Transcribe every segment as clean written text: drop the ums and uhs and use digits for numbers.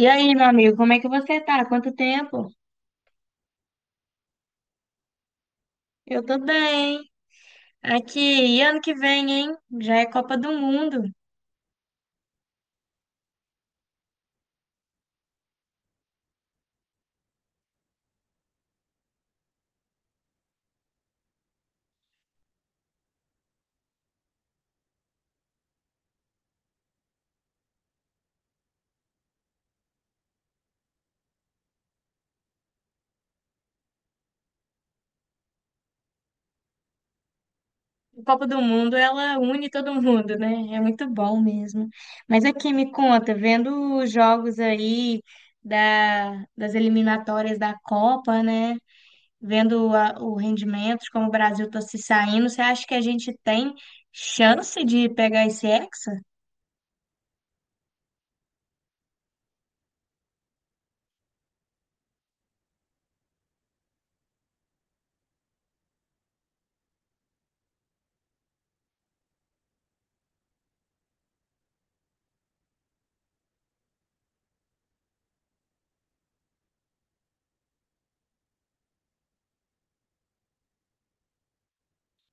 E aí, meu amigo, como é que você tá? Quanto tempo? Eu tô bem. Aqui, e ano que vem, hein? Já é Copa do Mundo. A Copa do Mundo, ela une todo mundo, né? É muito bom mesmo. Mas aqui, me conta, vendo os jogos aí das eliminatórias da Copa, né? Vendo o rendimento, de como o Brasil tá se saindo, você acha que a gente tem chance de pegar esse Hexa?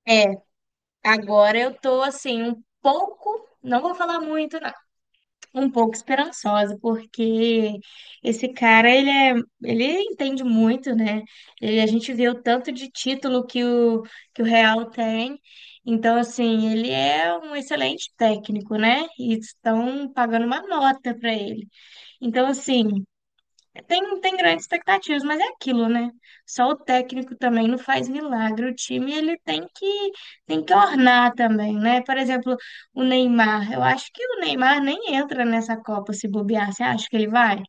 É, agora eu tô assim, um pouco. Não vou falar muito, não. Um pouco esperançosa, porque esse cara, ele entende muito, né? Ele, a gente vê o tanto de título que o Real tem. Então, assim, ele é um excelente técnico, né? E estão pagando uma nota para ele. Então, assim, tem grandes expectativas, mas é aquilo, né? Só o técnico também não faz milagre. O time ele tem que ornar também, né? Por exemplo, o Neymar. Eu acho que o Neymar nem entra nessa Copa se bobear. Você acha que ele vai?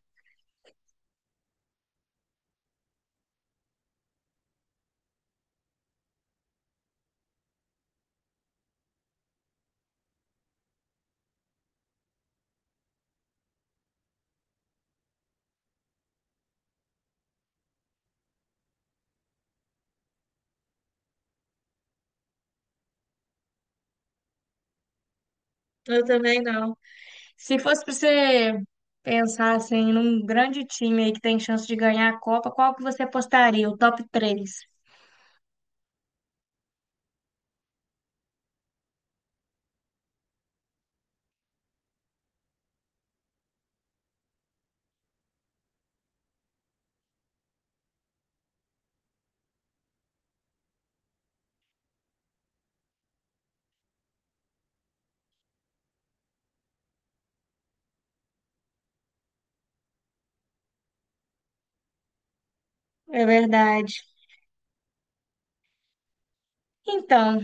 Eu também não. Se fosse para você pensar assim, num grande time aí que tem chance de ganhar a Copa, qual que você apostaria? O top três. É verdade. Então,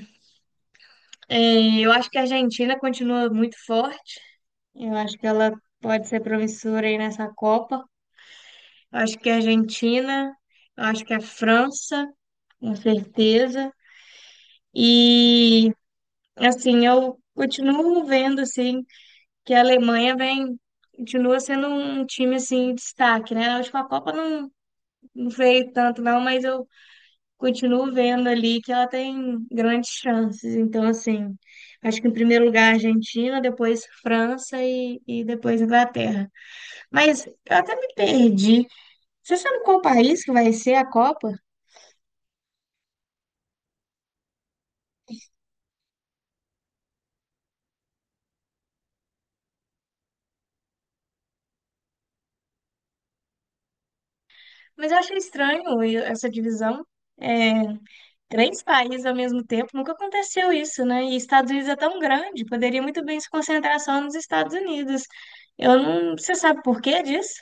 eu acho que a Argentina continua muito forte. Eu acho que ela pode ser promissora aí nessa Copa. Eu acho que a Argentina, eu acho que a França, com certeza. E assim, eu continuo vendo assim que a Alemanha vem continua sendo um time assim em destaque, né? Na última Copa não, não veio tanto não, mas eu continuo vendo ali que ela tem grandes chances. Então, assim, acho que em primeiro lugar a Argentina, depois França e depois Inglaterra. Mas eu até me perdi. Você sabe qual país que vai ser a Copa? Mas eu achei estranho essa divisão. É, três países ao mesmo tempo, nunca aconteceu isso, né? E Estados Unidos é tão grande, poderia muito bem se concentrar só nos Estados Unidos. Eu não, você sabe por que disso?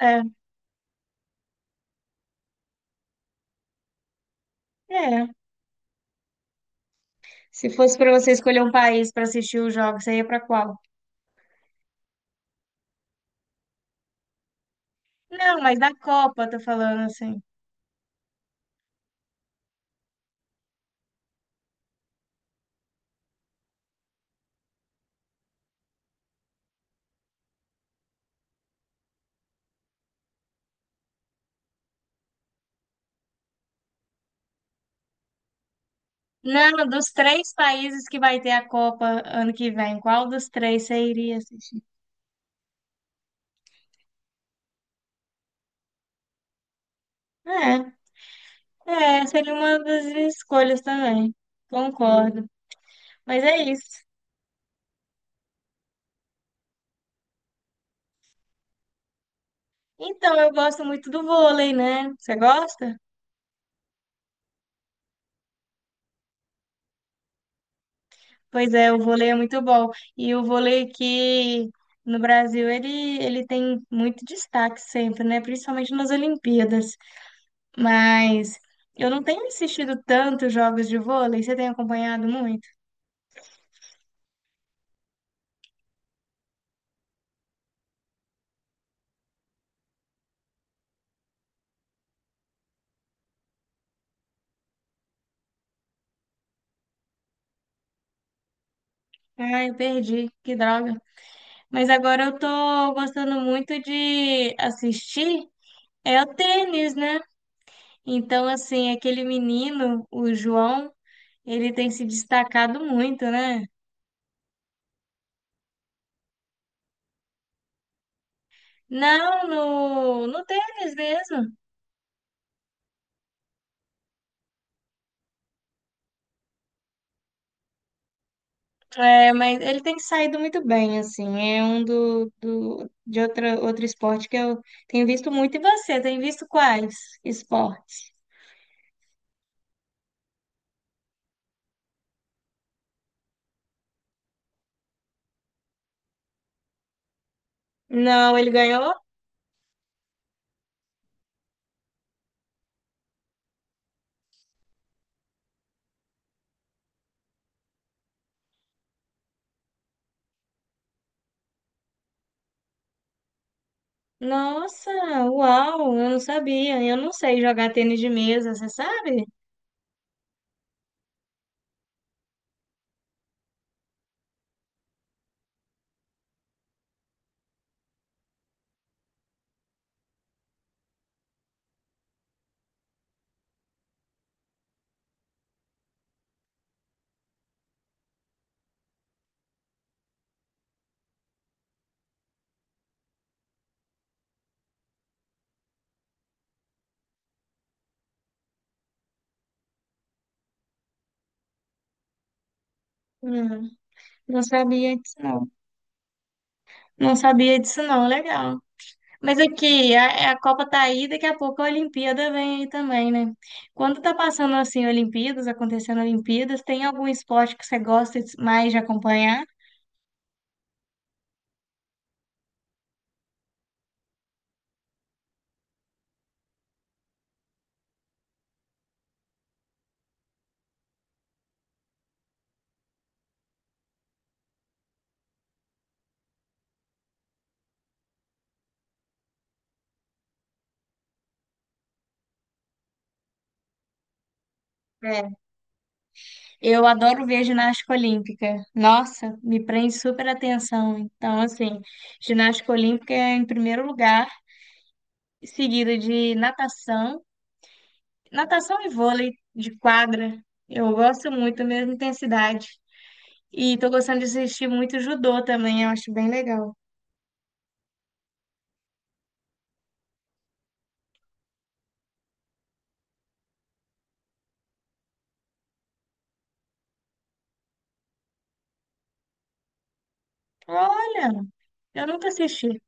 É, é. Se fosse para você escolher um país para assistir os jogos, você ia para qual? Não, mas da Copa, eu tô falando assim. Não, dos três países que vai ter a Copa ano que vem, qual dos três você iria assistir? É, é, seria uma das escolhas também. Concordo. Mas é isso. Então, eu gosto muito do vôlei, né? Você gosta? Pois é, o vôlei é muito bom. E o vôlei aqui no Brasil, ele tem muito destaque sempre, né? Principalmente nas Olimpíadas. Mas eu não tenho assistido tantos jogos de vôlei. Você tem acompanhado muito? Ai, eu perdi. Que droga. Mas agora eu tô gostando muito de assistir. É o tênis, né? Então, assim, aquele menino, o João, ele tem se destacado muito, né? Não, no tênis mesmo. É, mas ele tem saído muito bem, assim. É um de outro esporte que eu tenho visto muito. E você, tem visto quais esportes? Não, ele ganhou? Nossa, uau, eu não sabia. Eu não sei jogar tênis de mesa, você sabe? Não, não sabia disso, não. Não sabia disso, não. Legal. Mas aqui, a Copa tá aí, daqui a pouco a Olimpíada vem aí também, né? Quando tá passando assim, Olimpíadas, acontecendo Olimpíadas, tem algum esporte que você mais de acompanhar? É. Eu adoro ver ginástica olímpica. Nossa, me prende super atenção. Então, assim, ginástica olímpica é em primeiro lugar, seguida de natação, natação e vôlei de quadra. Eu gosto muito, a mesma intensidade. E tô gostando de assistir muito judô também, eu acho bem legal. Olha, eu nunca assisti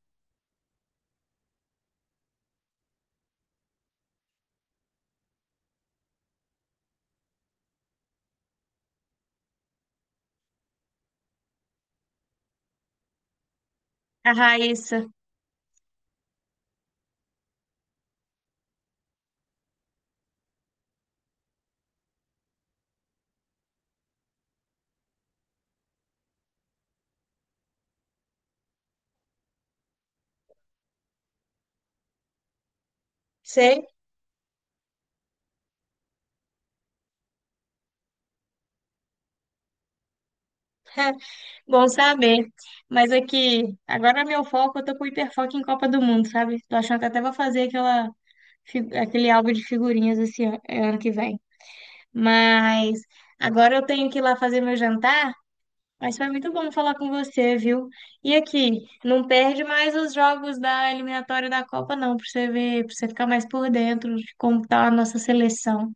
a Raíssa. Sei, bom saber. Mas aqui, agora meu foco, eu tô com hiperfoco em Copa do Mundo, sabe? Tô achando que até vou fazer aquela, aquele álbum de figurinhas esse ano, ano que vem. Mas agora eu tenho que ir lá fazer meu jantar. Mas foi muito bom falar com você, viu? E aqui, não perde mais os jogos da eliminatória da Copa, não, pra você ver, pra você ficar mais por dentro de como tá a nossa seleção.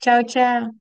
Tchau, tchau.